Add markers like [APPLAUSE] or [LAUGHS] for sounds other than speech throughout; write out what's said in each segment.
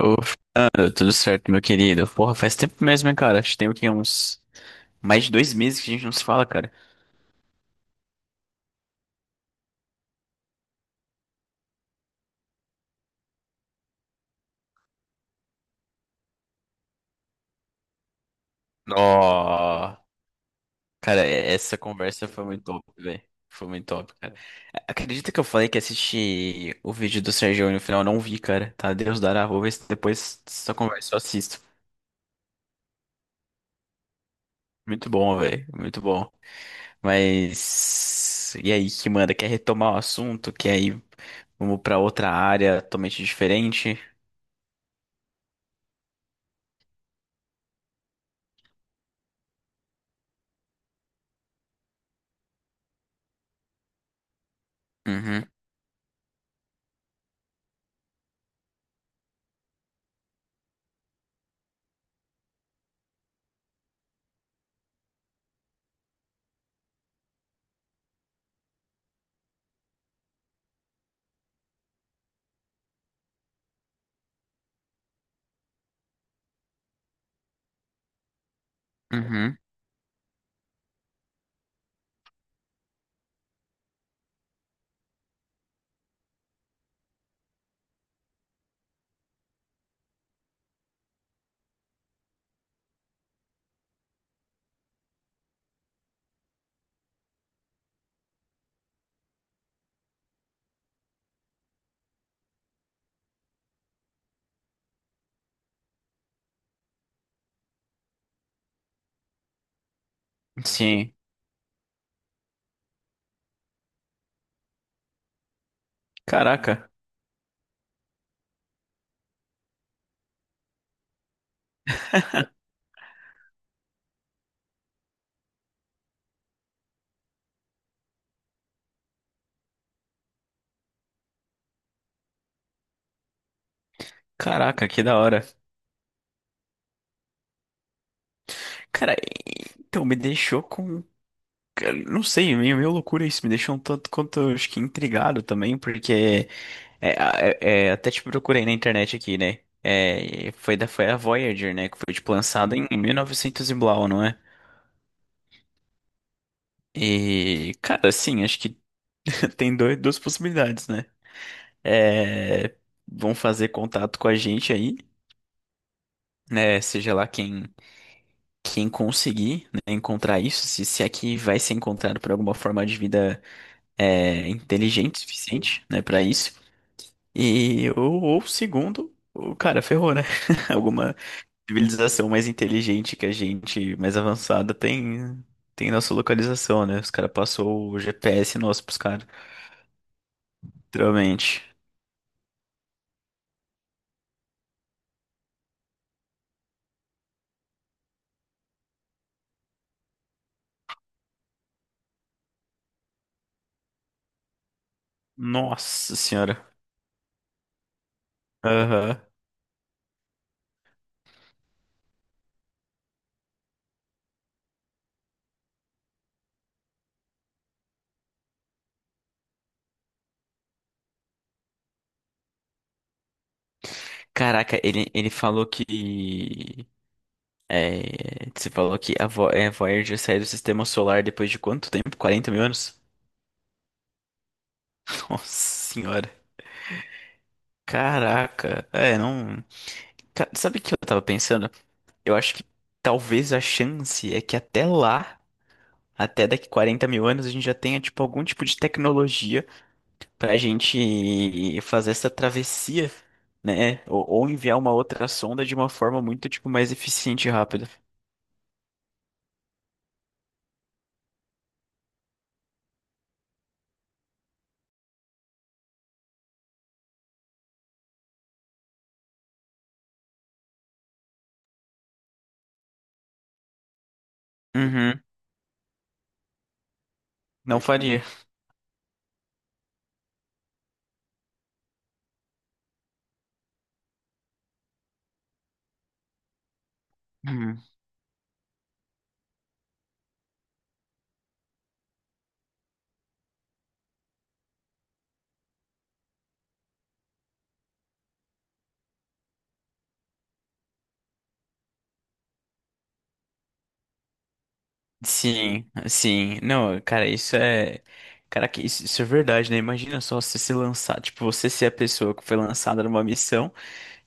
Ô, Fernando, tudo certo, meu querido? Porra, faz tempo mesmo, hein, cara? Acho que tem o quê? Uns mais de 2 meses que a gente não se fala, cara. Nó! Cara, essa conversa foi muito top, velho. Foi muito top, cara. Acredita que eu falei que assisti o vídeo do Sergio no final? Eu não vi, cara. Tá, Deus dará. Vou ver se depois dessa conversa eu assisto. Muito bom, velho. Muito bom. Mas. E aí, que manda? Quer retomar o assunto? Quer ir? Vamos pra outra área totalmente diferente? Uhum, uhum. Sim. Caraca. [LAUGHS] Caraca, que da hora. Cara, então me deixou com. Cara, não sei, é meio loucura isso. Me deixou um tanto quanto, acho que, intrigado também, porque. Até te procurei na internet aqui, né? É, foi a Voyager, né? Que foi, tipo, lançada em 1900 e novecentos e blau, não é? E, cara, assim, acho que [LAUGHS] tem duas possibilidades, né? É, vão fazer contato com a gente aí, né? Seja lá quem. Quem conseguir, né, encontrar isso, se é que vai ser encontrado por alguma forma de vida é, inteligente o suficiente, né, para isso. E ou segundo, o cara ferrou, né? [LAUGHS] Alguma civilização mais inteligente que a gente, mais avançada tem nossa localização, né? Os caras passou o GPS nosso pros caras, literalmente. Nossa senhora. Aham. Caraca, ele falou que é, você falou que Voyager saiu do sistema solar depois de quanto tempo? 40 mil anos? [LAUGHS] Nossa senhora. Caraca. É, não. Sabe o que eu tava pensando? Eu acho que talvez a chance é que até lá, até daqui 40 mil anos, a gente já tenha, tipo, algum tipo de tecnologia pra gente fazer essa travessia, né? Ou enviar uma outra sonda de uma forma muito, tipo, mais eficiente e rápida. Uhum. Não faria. Sim, sim. Não, cara, isso é. Cara, que isso é verdade, né? Imagina só você se lançar. Tipo, você ser a pessoa que foi lançada numa missão.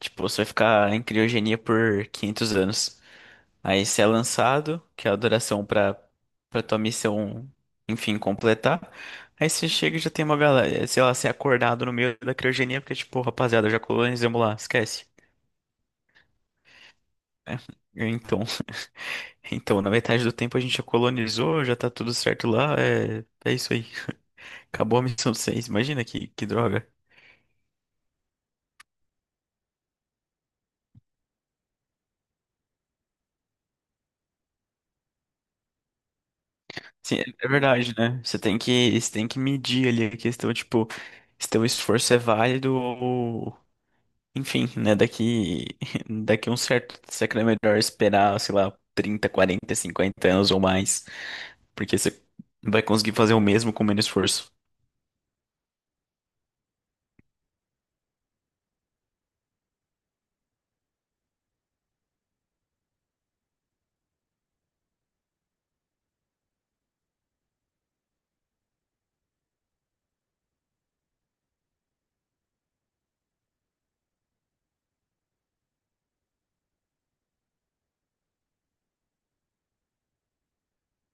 Tipo, você vai ficar em criogenia por 500 anos. Aí você é lançado, que é a duração pra tua missão, enfim, completar. Aí você chega e já tem uma galera. Sei lá, você é acordado no meio da criogenia, porque, tipo, rapaziada, já colonizamos lá, esquece. É, então, [LAUGHS] então, na metade do tempo a gente já colonizou, já tá tudo certo lá, é isso aí. Acabou a missão 6 imagina que droga. Sim, é é verdade, né? Você tem que medir ali a questão, tipo, se teu esforço é válido ou... Enfim, né? [LAUGHS] Daqui a um certo... Será que não é melhor esperar, sei lá, 30, 40, 50 anos ou mais? Porque você vai conseguir fazer o mesmo com menos esforço.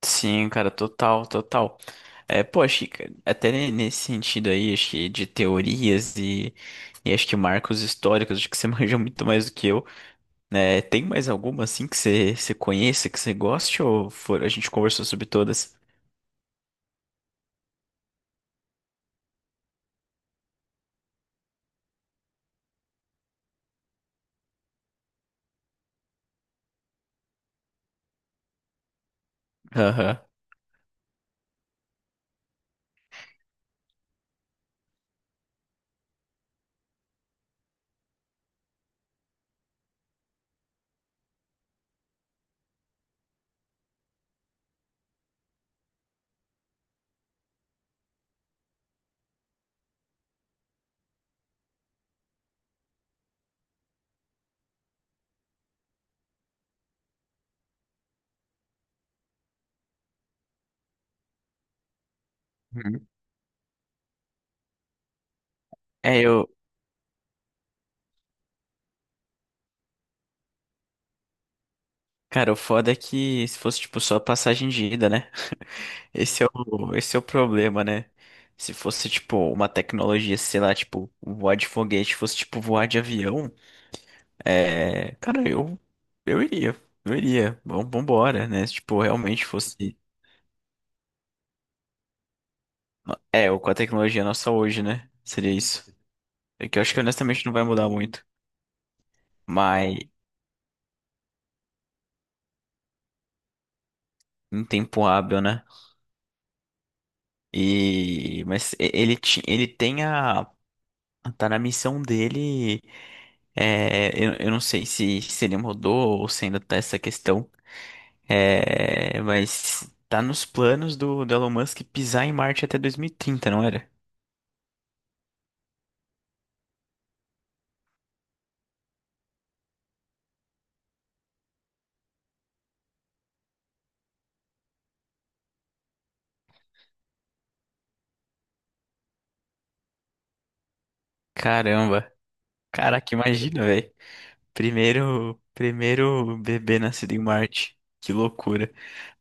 Sim, cara, total, total. É, pô, acho que nesse sentido aí, acho que de teorias e acho que marcos históricos, acho que você [LAUGHS] manja muito mais do que eu. Né? Tem mais alguma assim que você conheça, que você goste, ou for, a gente conversou sobre todas? Aham. Uhum. É, eu. Cara, o foda é que se fosse, tipo, só passagem de ida, né? Esse é esse é o problema, né? Se fosse, tipo, uma tecnologia, sei lá, tipo, voar de foguete, fosse, tipo, voar de avião, é. Cara, eu. Eu iria. Eu iria. Vamos, vambora, né? Se, tipo, realmente fosse. É, ou com a tecnologia nossa hoje, né? Seria isso. É que eu acho que honestamente não vai mudar muito. Mas em tempo hábil, né? E mas ele tem a tá na missão dele. É, eu não sei se ele mudou ou se ainda tá essa questão. É, mas tá nos planos do Elon Musk pisar em Marte até 2030, não era? Caramba. Caraca, imagina, velho. Primeiro bebê nascido em Marte. Que loucura.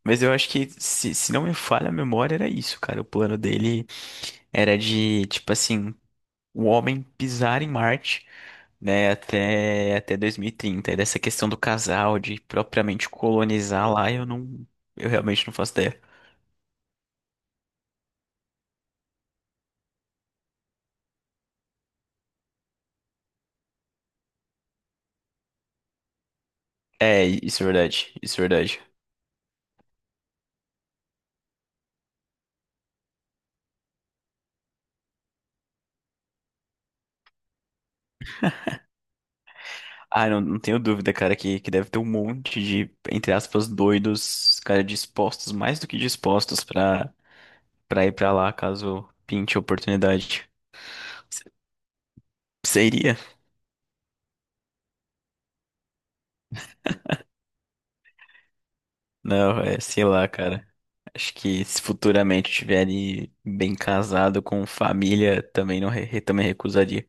Mas eu acho que, se não me falha a memória, era isso, cara. O plano dele era de, tipo assim, o homem pisar em Marte, né, até 2030. E trinta. E dessa questão do casal, de propriamente colonizar lá, eu realmente não faço ideia. É, isso é verdade, isso é verdade. Ah, não, não tenho dúvida, cara, que deve ter um monte de, entre aspas, doidos, cara, dispostos, mais do que dispostos pra ir pra lá, caso pinte a oportunidade. Seria. Não, é, sei lá, cara. Acho que se futuramente estiverem bem casado com família, também não re- re- também recusaria.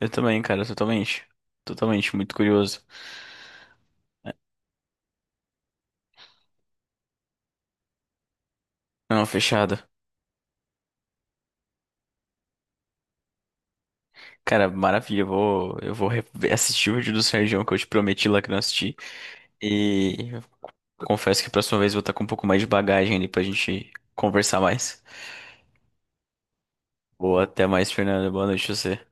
Eu também, cara, totalmente. Totalmente, muito curioso. Não, fechado. Cara, maravilha, eu vou assistir o vídeo do Sérgio que eu te prometi lá que não assisti. E confesso que a próxima vez eu vou estar com um pouco mais de bagagem ali pra gente conversar mais. Boa, até mais, Fernando. Boa noite pra você.